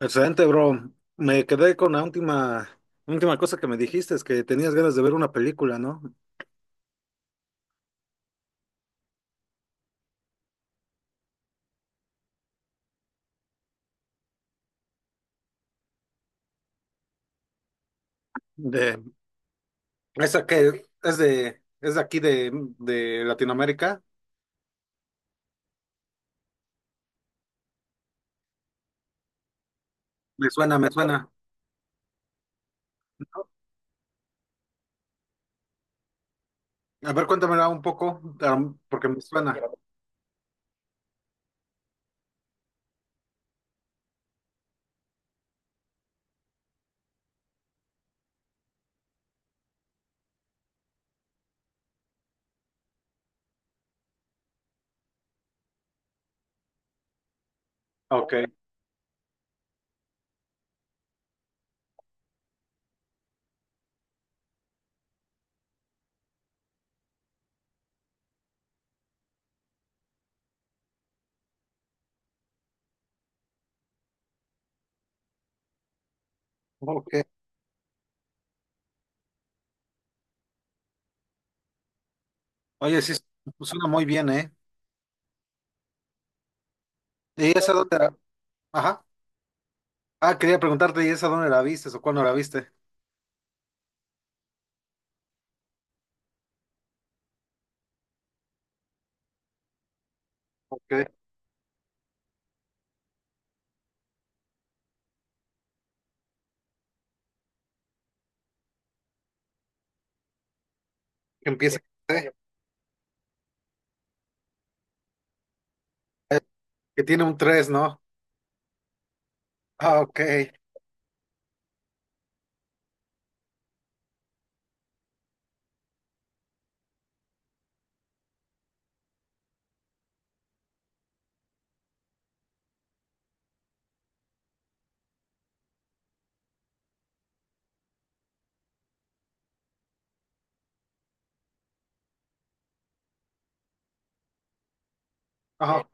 Excelente, bro. Me quedé con la última cosa que me dijiste, es que tenías ganas de ver una película, ¿no? De esa que es de aquí de Latinoamérica. Me suena, me suena. A ver, cuéntamela un poco, porque me suena. Ok, ok. Oye, sí, suena muy bien, ¿eh? ¿Y esa dónde la- Ajá. Ah, quería preguntarte, ¿y esa dónde la viste o cuándo la viste? Ok, que empieza, ¿eh? Que tiene un 3, ¿no? Ah, ok. Ajá.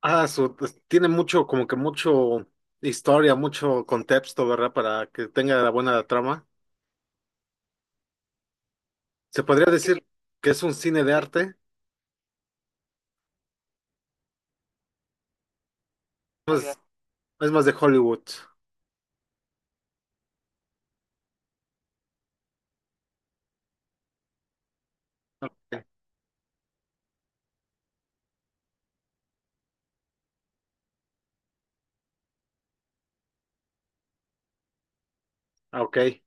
Ah, pues, tiene mucho, como que mucho historia, mucho contexto, ¿verdad? Para que tenga la buena trama. Se podría decir que es un cine de arte, pues es más de Hollywood. Ok. Ah, ok.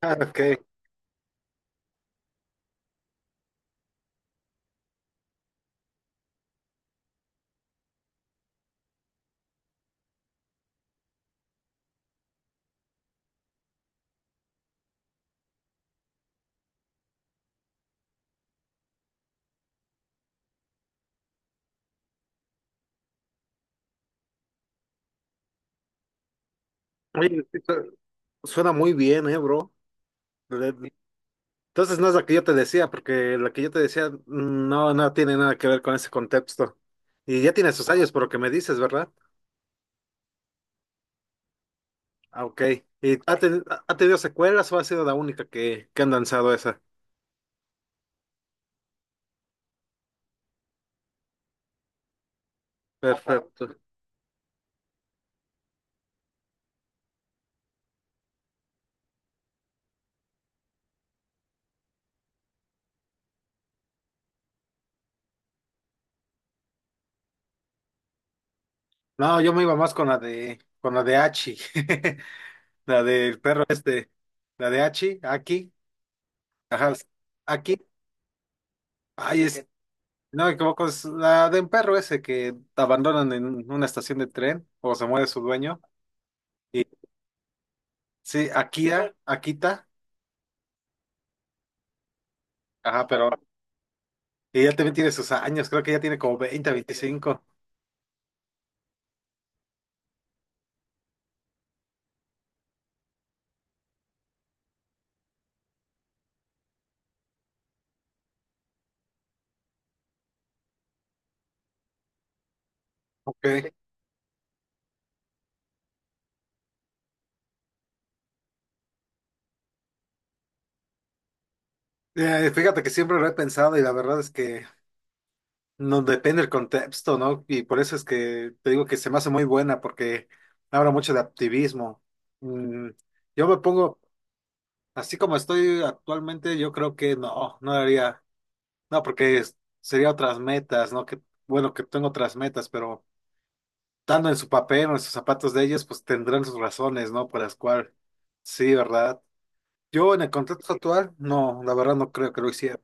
Ah, ok. Oye, sí, suena muy bien, ¿eh, bro? Le- Entonces no es la que yo te decía, porque la que yo te decía no, no tiene nada que ver con ese contexto. Y ya tiene sus años por lo que me dices, ¿verdad? Ah, ok. ¿Y ha tenido secuelas o ha sido la única que han lanzado esa? Perfecto. No, yo me iba más con la de Hachi, la del perro este, la de Hachi, aquí, ajá, aquí, ay, es, no me equivoco, es la de un perro ese que abandonan en una estación de tren o se muere su dueño, y sí, Akira, Akita, ajá, pero ella también tiene sus años, creo que ya tiene como 20, 25. Ok. Fíjate que siempre lo he pensado y la verdad es que no depende del contexto, ¿no? Y por eso es que te digo que se me hace muy buena porque habla mucho de activismo. Mm, yo me pongo, así como estoy actualmente, yo creo que no, no haría, no, porque sería otras metas, ¿no? Que, bueno, que tengo otras metas, pero estando en su papel o en sus zapatos de ellos, pues tendrán sus razones, ¿no? Por las cuales, sí, ¿verdad? Yo en el contexto actual, no, la verdad no creo que lo hiciera.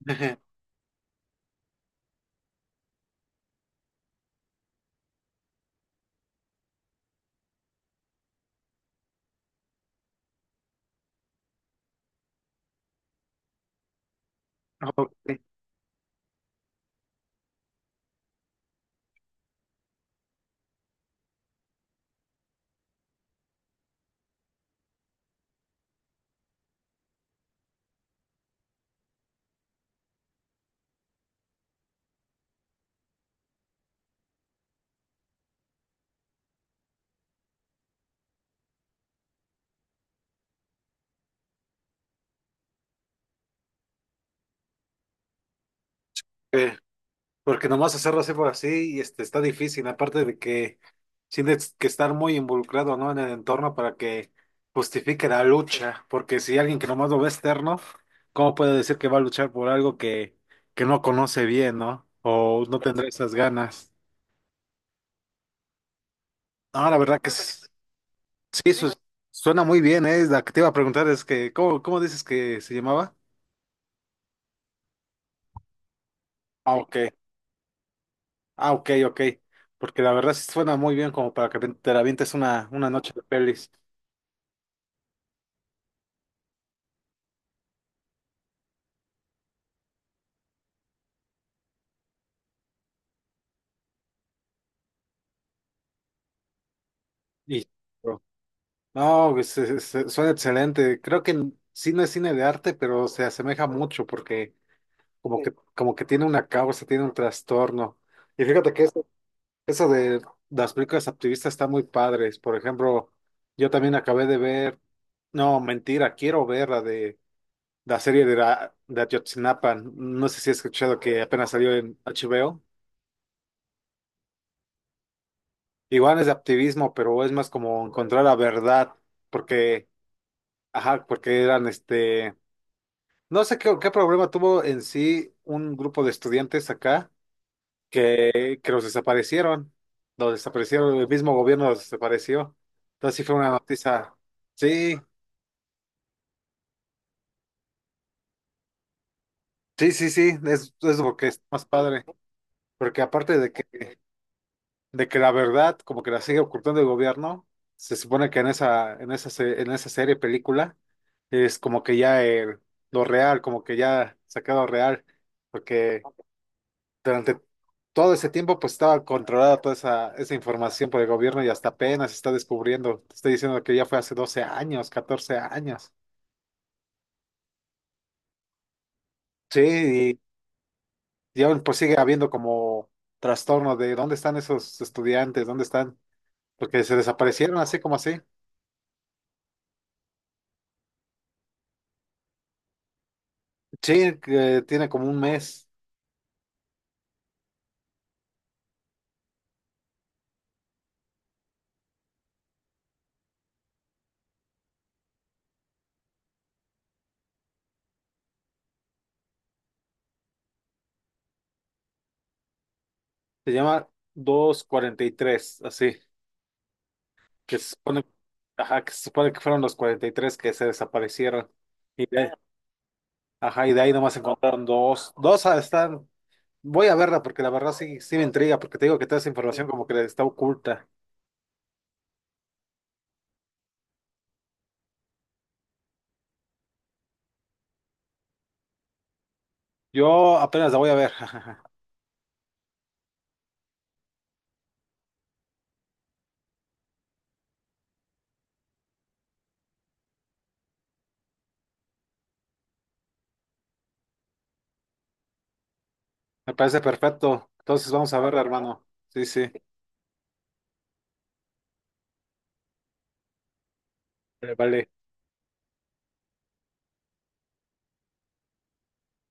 Ok. Ok. Porque nomás hacerlo así por así y este, está difícil, aparte de que tienes que estar muy involucrado, ¿no? En el entorno para que justifique la lucha, porque si alguien que nomás lo ve externo, ¿cómo puede decir que va a luchar por algo que no conoce bien, ¿no? O no tendrá esas ganas. No, la verdad que sí, suena muy bien, ¿eh? La que te iba a preguntar es que, ¿cómo dices que se llamaba? Ah, ok, ah, ok, ok, porque la verdad sí suena muy bien como para que te la avientes una noche de pelis. Y no, pues, suena excelente. Creo que n- sí no es cine de arte, pero se asemeja mucho porque como que tiene una causa, tiene un trastorno. Y fíjate que eso de las películas activistas está muy padres. Por ejemplo, yo también acabé de ver, no, mentira, quiero ver la de la serie de, la, de Ayotzinapa. No sé si has escuchado que apenas salió en HBO. Igual es de activismo, pero es más como encontrar la verdad, porque, ajá, porque eran este no sé qué, qué problema tuvo en sí un grupo de estudiantes acá que los desaparecieron. Los desaparecieron, el mismo gobierno los desapareció. Entonces sí fue una noticia. Sí, sí, sí, sí, es lo que es más padre. Porque aparte de que la verdad como que la sigue ocultando el gobierno, se supone que en esa serie, película, es como que ya lo real, como que ya sacado real. Porque durante todo ese tiempo, pues estaba controlada toda esa información por el gobierno y hasta apenas se está descubriendo. Te estoy diciendo que ya fue hace 12 años, 14 años. Sí, y aún pues sigue habiendo como trastorno de dónde están esos estudiantes, dónde están, porque se desaparecieron así como así. Sí, que tiene como un mes, se llama 243 así, que se supone, ajá, que se supone que fueron los 43 que se desaparecieron. Y de, ajá, y de ahí nomás encontraron dos, dos ah, están voy a verla porque la verdad sí, sí me intriga, porque te digo que toda esa información como que está oculta. Yo apenas la voy a ver. Me parece perfecto. Entonces vamos a verla, hermano. Sí, sí. Vale.